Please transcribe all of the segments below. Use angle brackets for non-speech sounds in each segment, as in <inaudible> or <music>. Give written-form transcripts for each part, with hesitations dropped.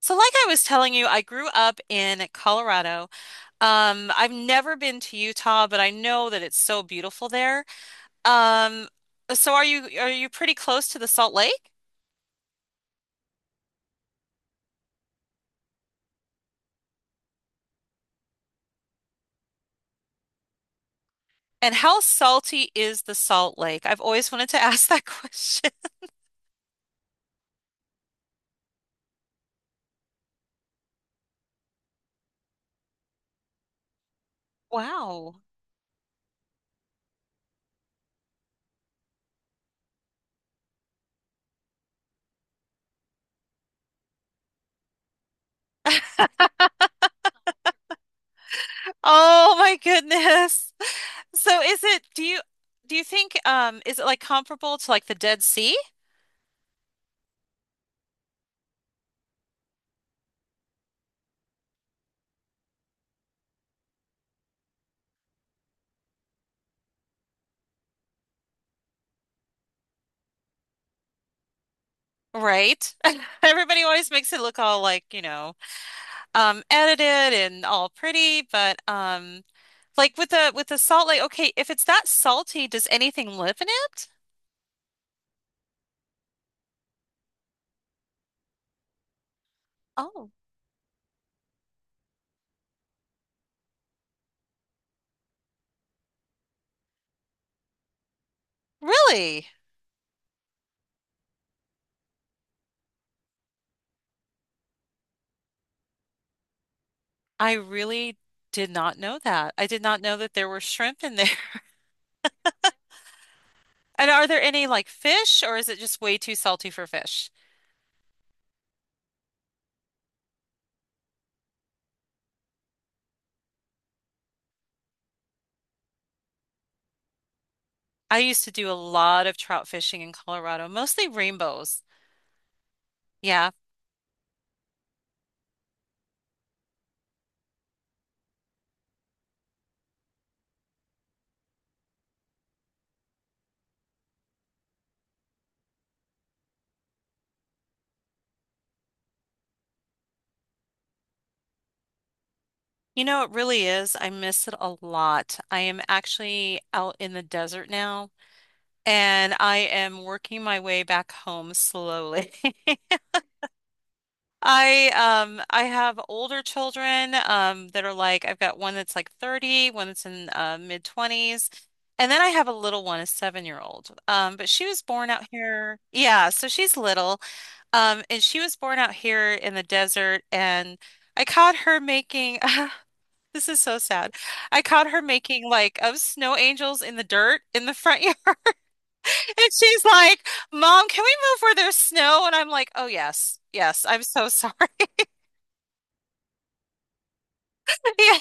So, like I was telling you, I grew up in Colorado. I've never been to Utah, but I know that it's so beautiful there. Um, so are you pretty close to the Salt Lake? And how salty is the Salt Lake? I've always wanted to ask that <laughs> question. Wow. Oh my goodness. So is it, do you think is it like comparable to like the Dead Sea? Right? <laughs> Everybody always makes it look all like, edited and all pretty, but like with the salt like okay, if it's that salty, does anything live in it? Oh, really? I really did not know that. I did not know that there were shrimp in there. <laughs> And are there any like fish or is it just way too salty for fish? I used to do a lot of trout fishing in Colorado, mostly rainbows. Yeah. You know, it really is. I miss it a lot. I am actually out in the desert now, and I am working my way back home slowly. <laughs> I have older children that are like I've got one that's like 30, one that's in mid 20s, and then I have a little one, a 7 year old. But she was born out here. Yeah, so she's little. And she was born out here in the desert, and I caught her making. <laughs> this is so sad. I caught her making like of snow angels in the dirt in the front <laughs> yard. And she's like, Mom, can we move where there's snow? And I'm like, Oh, yes, yes, I'm so sorry. <laughs> Yeah,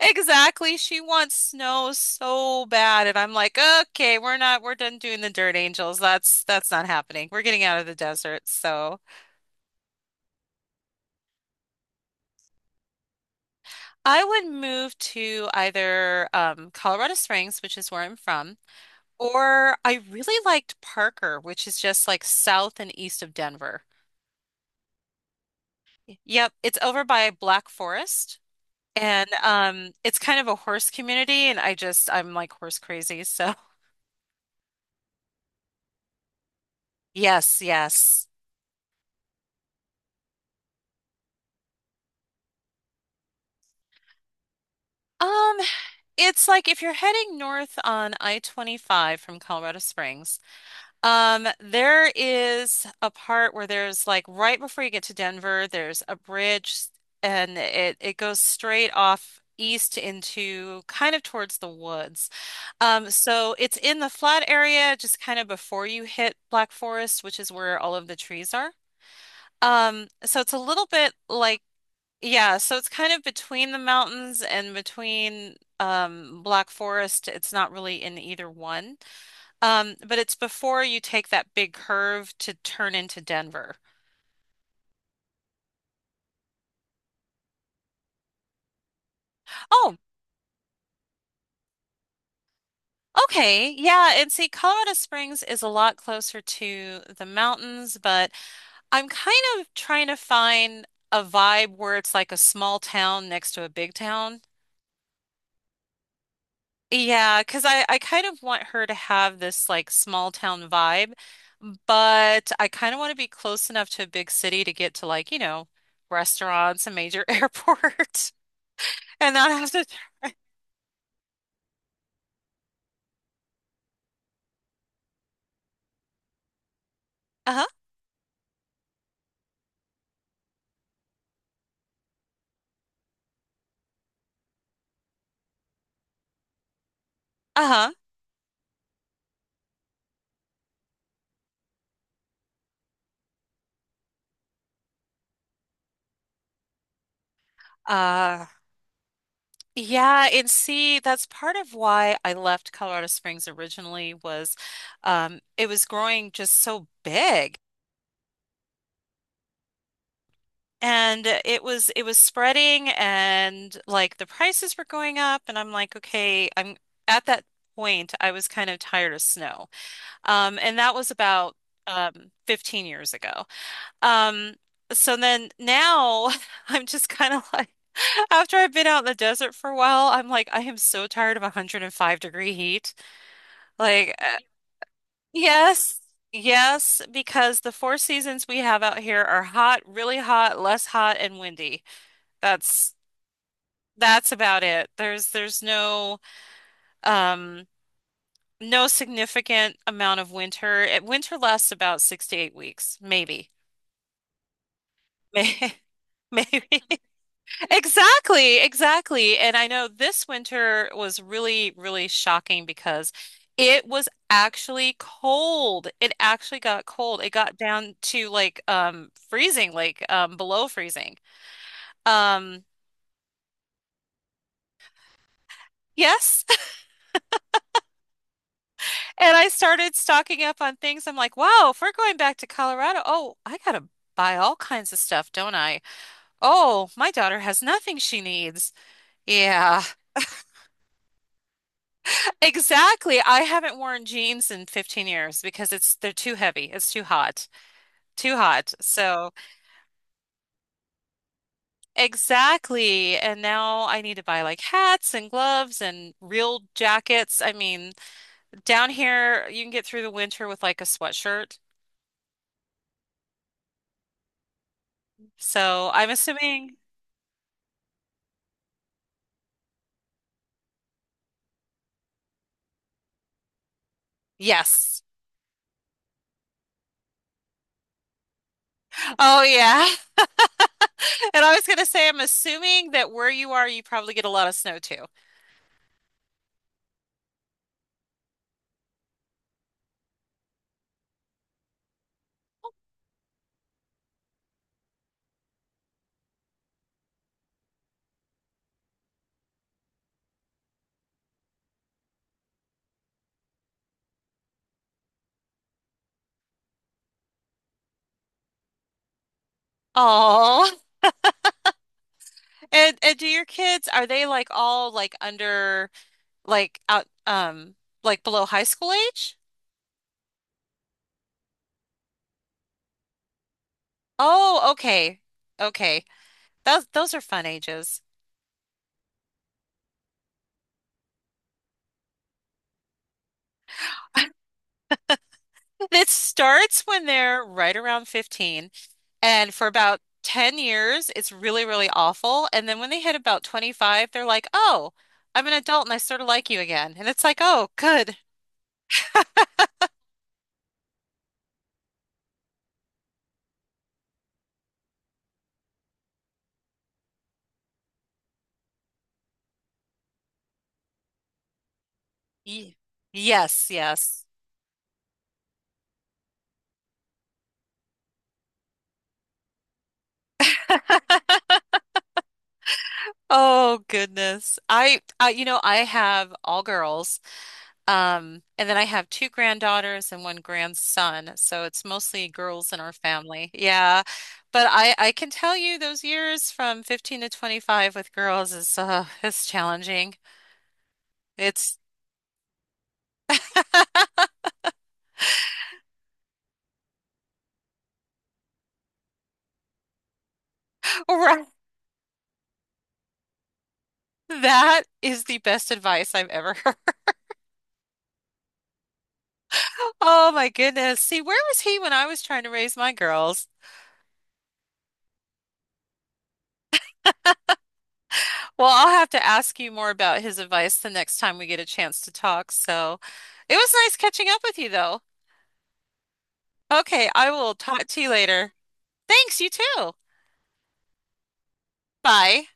exactly. She wants snow so bad. And I'm like, Okay, we're not, we're done doing the Dirt Angels. That's not happening. We're getting out of the desert. So I would move to either Colorado Springs, which is where I'm from, or I really liked Parker, which is just like south and east of Denver. Yep, it's over by Black Forest. And it's kind of a horse community, and I'm like horse crazy. So <laughs> yes, yes. Um, it's like if you're heading north on I-25 from Colorado Springs, there is a part where there's like right before you get to Denver, there's a bridge, and it goes straight off east into kind of towards the woods. So it's in the flat area, just kind of before you hit Black Forest, which is where all of the trees are. So it's a little bit like, yeah, so it's kind of between the mountains and between Black Forest. It's not really in either one. But it's before you take that big curve to turn into Denver. Oh, okay. Yeah, and see, Colorado Springs is a lot closer to the mountains, but I'm kind of trying to find a vibe where it's like a small town next to a big town. Yeah, because I kind of want her to have this like small town vibe, but I kind of want to be close enough to a big city to get to like, restaurants, a major <laughs> airport, and not have to. Uh-huh. Uh-huh. Uh, yeah, and see, that's part of why I left Colorado Springs originally was it was growing just so big. And it was spreading and like the prices were going up and I'm like, okay, I'm at that point I was kind of tired of snow. And that was about 15 years ago. Um so then now <laughs> I'm just kind of like <laughs> after I've been out in the desert for a while, I'm like I am so tired of 105-degree heat. Like uh, yes. Yes, because the four seasons we have out here are hot, really hot, less hot, and windy. That's that's about it. There's no um no significant amount of winter. Winter lasts about 6 to 8 weeks, maybe. <laughs> May- Maybe. <laughs> Exactly, exactly. And I know this winter was really, really shocking because it was actually cold. It actually got cold. It got down to like freezing, like below freezing. Um yes, and I started stocking up on things. I'm like, wow, if we're going back to Colorado, oh, I gotta buy all kinds of stuff, don't I? Oh, my daughter has nothing she needs. Yeah, <laughs> exactly. I haven't worn jeans in 15 years because it's they're too heavy. It's too hot. Too hot. So, exactly. And now I need to buy like hats and gloves and real jackets. I mean, down here you can get through the winter with like a sweatshirt. So, I'm assuming. Yes. Oh yeah. <laughs> And I was gonna say, I'm assuming that where you are, you probably get a lot of snow too. Oh, and do your kids, are they like all like under like out like below high school age? Oh, okay. Okay. Those are fun ages. It starts when they're right around 15 and for about 10 years it's really, really awful. And then when they hit about 25, they're like, "Oh, I'm an adult and I sort of like you again." And it's like, "Oh, good." Ye- Yes, yes. Oh goodness. I have all girls. And then I have two granddaughters and one grandson. So it's mostly girls in our family. Yeah. But I can tell you those years from 15 to 25 with girls is it's challenging. It's <laughs> right. That is the best advice I've ever heard. <laughs> Oh my goodness. See, where was he when I was trying to raise my girls? Well, I'll have to ask you more about his advice the next time we get a chance to talk. So it was nice catching up with you, though. Okay, I will talk to you later. Thanks, you too. Bye.